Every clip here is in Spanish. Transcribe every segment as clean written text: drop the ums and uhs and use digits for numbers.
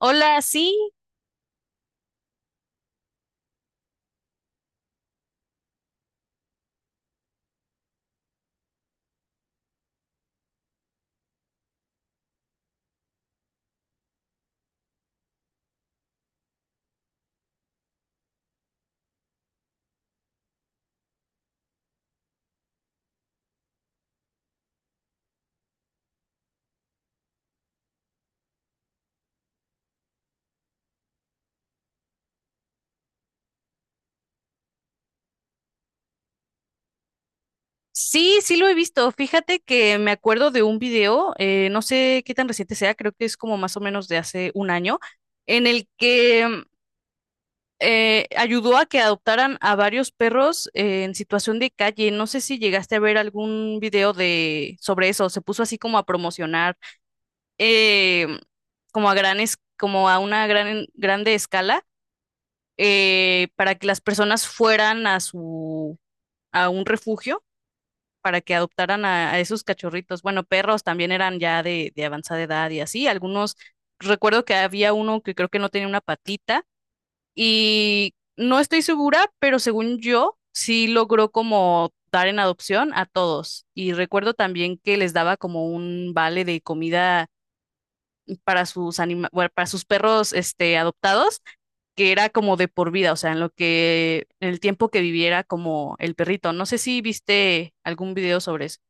Hola, sí, sí, sí lo he visto. Fíjate que me acuerdo de un video, no sé qué tan reciente sea, creo que es como más o menos de hace un año, en el que ayudó a que adoptaran a varios perros en situación de calle. No sé si llegaste a ver algún video de sobre eso. Se puso así como a promocionar, eh, como a granes, como a una grande escala, para que las personas fueran a su a un refugio para que adoptaran a esos cachorritos. Bueno, perros también eran ya de avanzada edad y así. Algunos, recuerdo que había uno que creo que no tenía una patita y no estoy segura, pero según yo, sí logró como dar en adopción a todos. Y recuerdo también que les daba como un vale de comida para sus anima bueno, para sus perros este, adoptados, que era como de por vida, o sea, en el tiempo que viviera como el perrito. No sé si viste algún video sobre eso.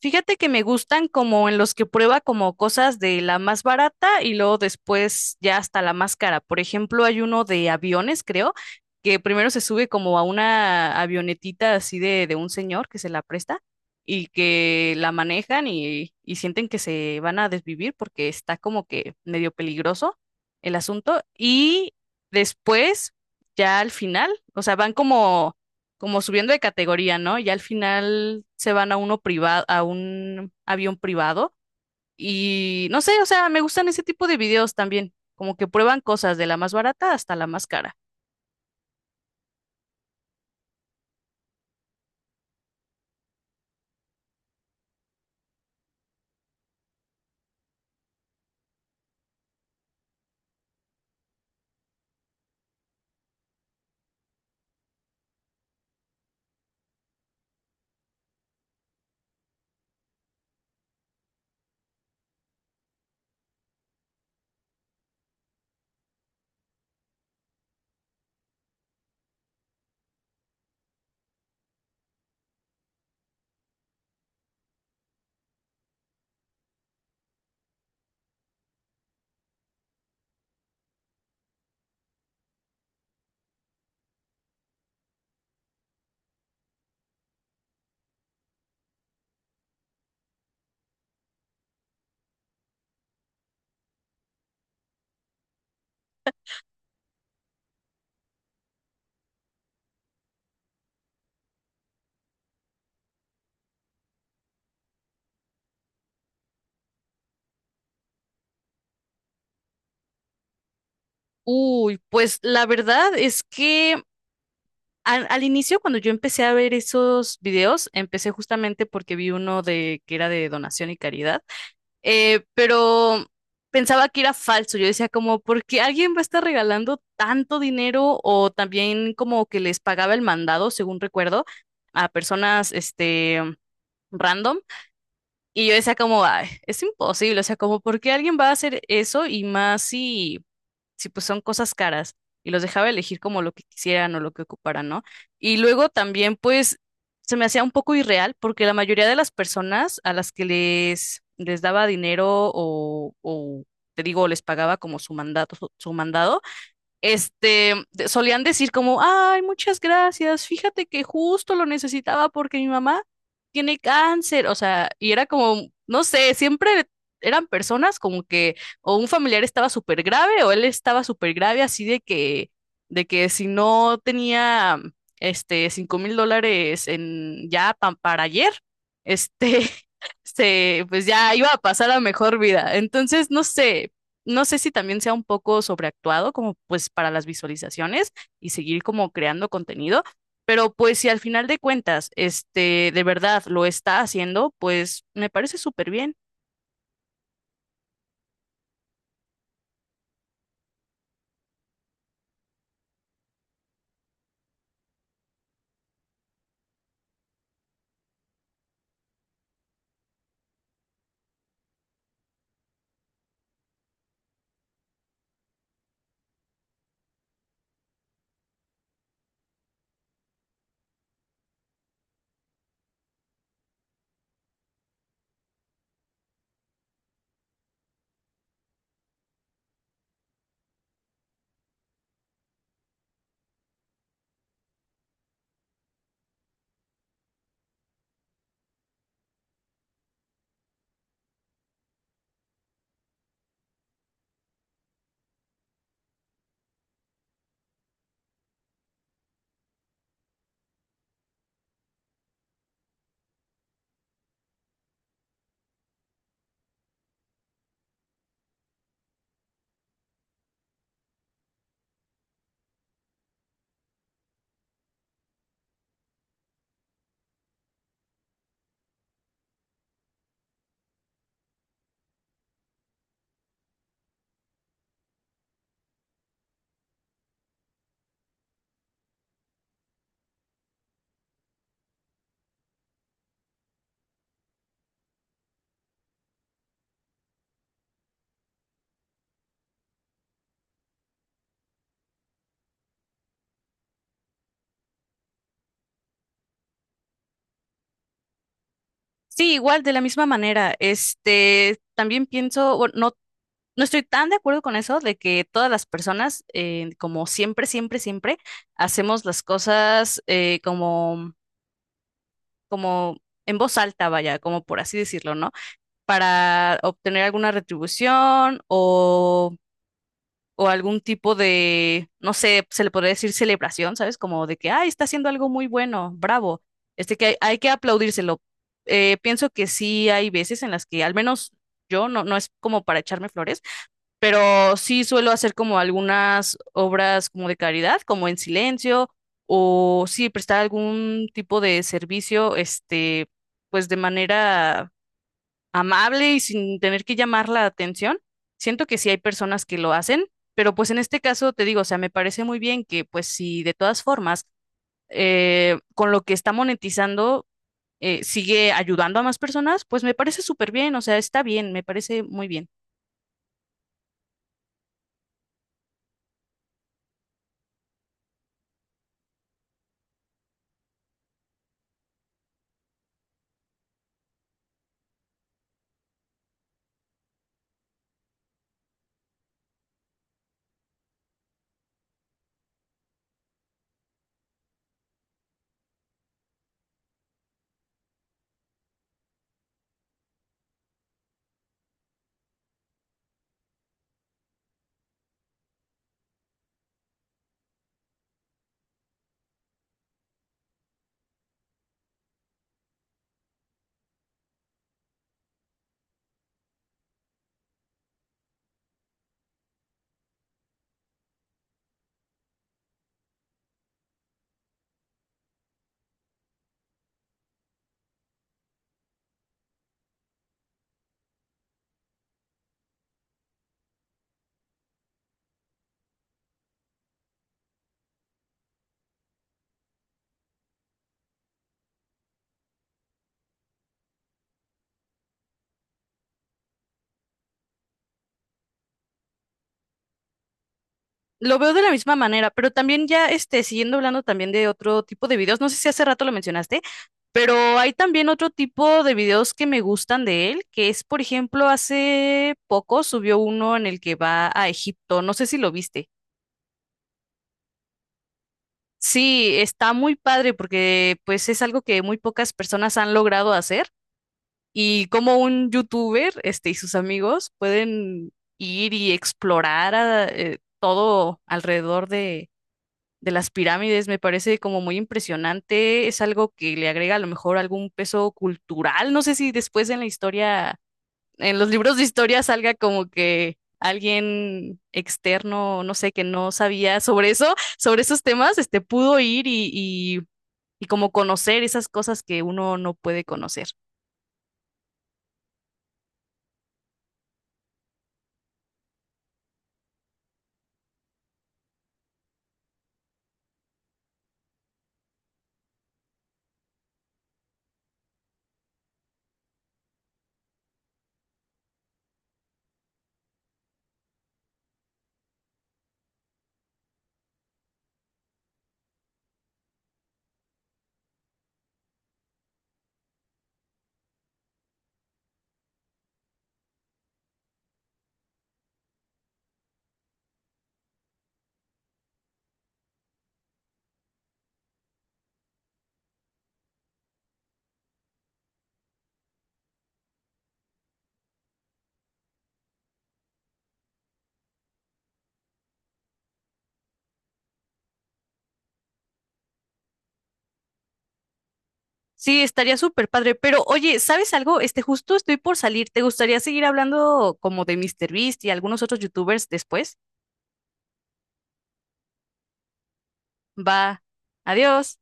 Fíjate que me gustan como en los que prueba como cosas de la más barata y luego después ya hasta la más cara. Por ejemplo, hay uno de aviones, creo, que primero se sube como a una avionetita así de un señor que se la presta y que la manejan y sienten que se van a desvivir porque está como que medio peligroso el asunto. Y después, ya al final, o sea, van como subiendo de categoría, ¿no? Y al final se van a uno privado, a un avión privado. Y no sé, o sea, me gustan ese tipo de videos también, como que prueban cosas de la más barata hasta la más cara. Uy, pues la verdad es que al inicio, cuando yo empecé a ver esos videos, empecé justamente porque vi uno de que era de donación y caridad. Pero pensaba que era falso. Yo decía como, ¿por qué alguien va a estar regalando tanto dinero? O también como que les pagaba el mandado, según recuerdo, a personas, este, random. Y yo decía como, "Ay, es imposible, o sea, como, ¿por qué alguien va a hacer eso? Y más si, si pues son cosas caras. Y los dejaba elegir como lo que quisieran o lo que ocuparan, ¿no? Y luego también, pues, se me hacía un poco irreal porque la mayoría de las personas a las que les daba dinero o, o, te digo, les pagaba como su mandato, su mandado, este, solían decir como, ay, muchas gracias, fíjate que justo lo necesitaba porque mi mamá tiene cáncer, o sea, y era como, no sé, siempre eran personas como que o un familiar estaba súper grave o él estaba súper grave, así de que, si no tenía, este, $5,000 en, ya para ayer, este, se, pues ya iba a pasar a mejor vida. Entonces, no sé, si también sea un poco sobreactuado como pues para las visualizaciones y seguir como creando contenido, pero pues si al final de cuentas, este, de verdad lo está haciendo, pues me parece súper bien. Sí, igual, de la misma manera, este, también pienso, bueno, no, no estoy tan de acuerdo con eso de que todas las personas, como siempre, siempre, siempre, hacemos las cosas como, como en voz alta, vaya, como por así decirlo, ¿no? Para obtener alguna retribución o algún tipo de, no sé, se le podría decir celebración, ¿sabes? Como de que, ay, está haciendo algo muy bueno, bravo. Este que hay que aplaudírselo. Pienso que sí hay veces en las que, al menos yo, no, no es como para echarme flores, pero sí suelo hacer como algunas obras como de caridad, como en silencio, o sí prestar algún tipo de servicio, este, pues de manera amable y sin tener que llamar la atención. Siento que sí hay personas que lo hacen, pero pues en este caso te digo, o sea, me parece muy bien que pues si de todas formas con lo que está monetizando sigue ayudando a más personas, pues me parece súper bien, o sea, está bien, me parece muy bien. Lo veo de la misma manera, pero también ya este, siguiendo hablando también de otro tipo de videos, no sé si hace rato lo mencionaste. Pero hay también otro tipo de videos que me gustan de él, que es, por ejemplo, hace poco subió uno en el que va a Egipto, no sé si lo viste. Sí, está muy padre porque pues es algo que muy pocas personas han logrado hacer y como un youtuber, este, y sus amigos pueden ir y explorar todo alrededor de las pirámides, me parece como muy impresionante, es algo que le agrega a lo mejor algún peso cultural, no sé si después en la historia en los libros de historia salga como que alguien externo, no sé, que no sabía sobre eso, sobre esos temas, este, pudo ir y, y como conocer esas cosas que uno no puede conocer. Sí, estaría súper padre, pero oye, ¿sabes algo? Este, justo estoy por salir. ¿Te gustaría seguir hablando como de míster Beast y algunos otros youtubers después? Va, adiós.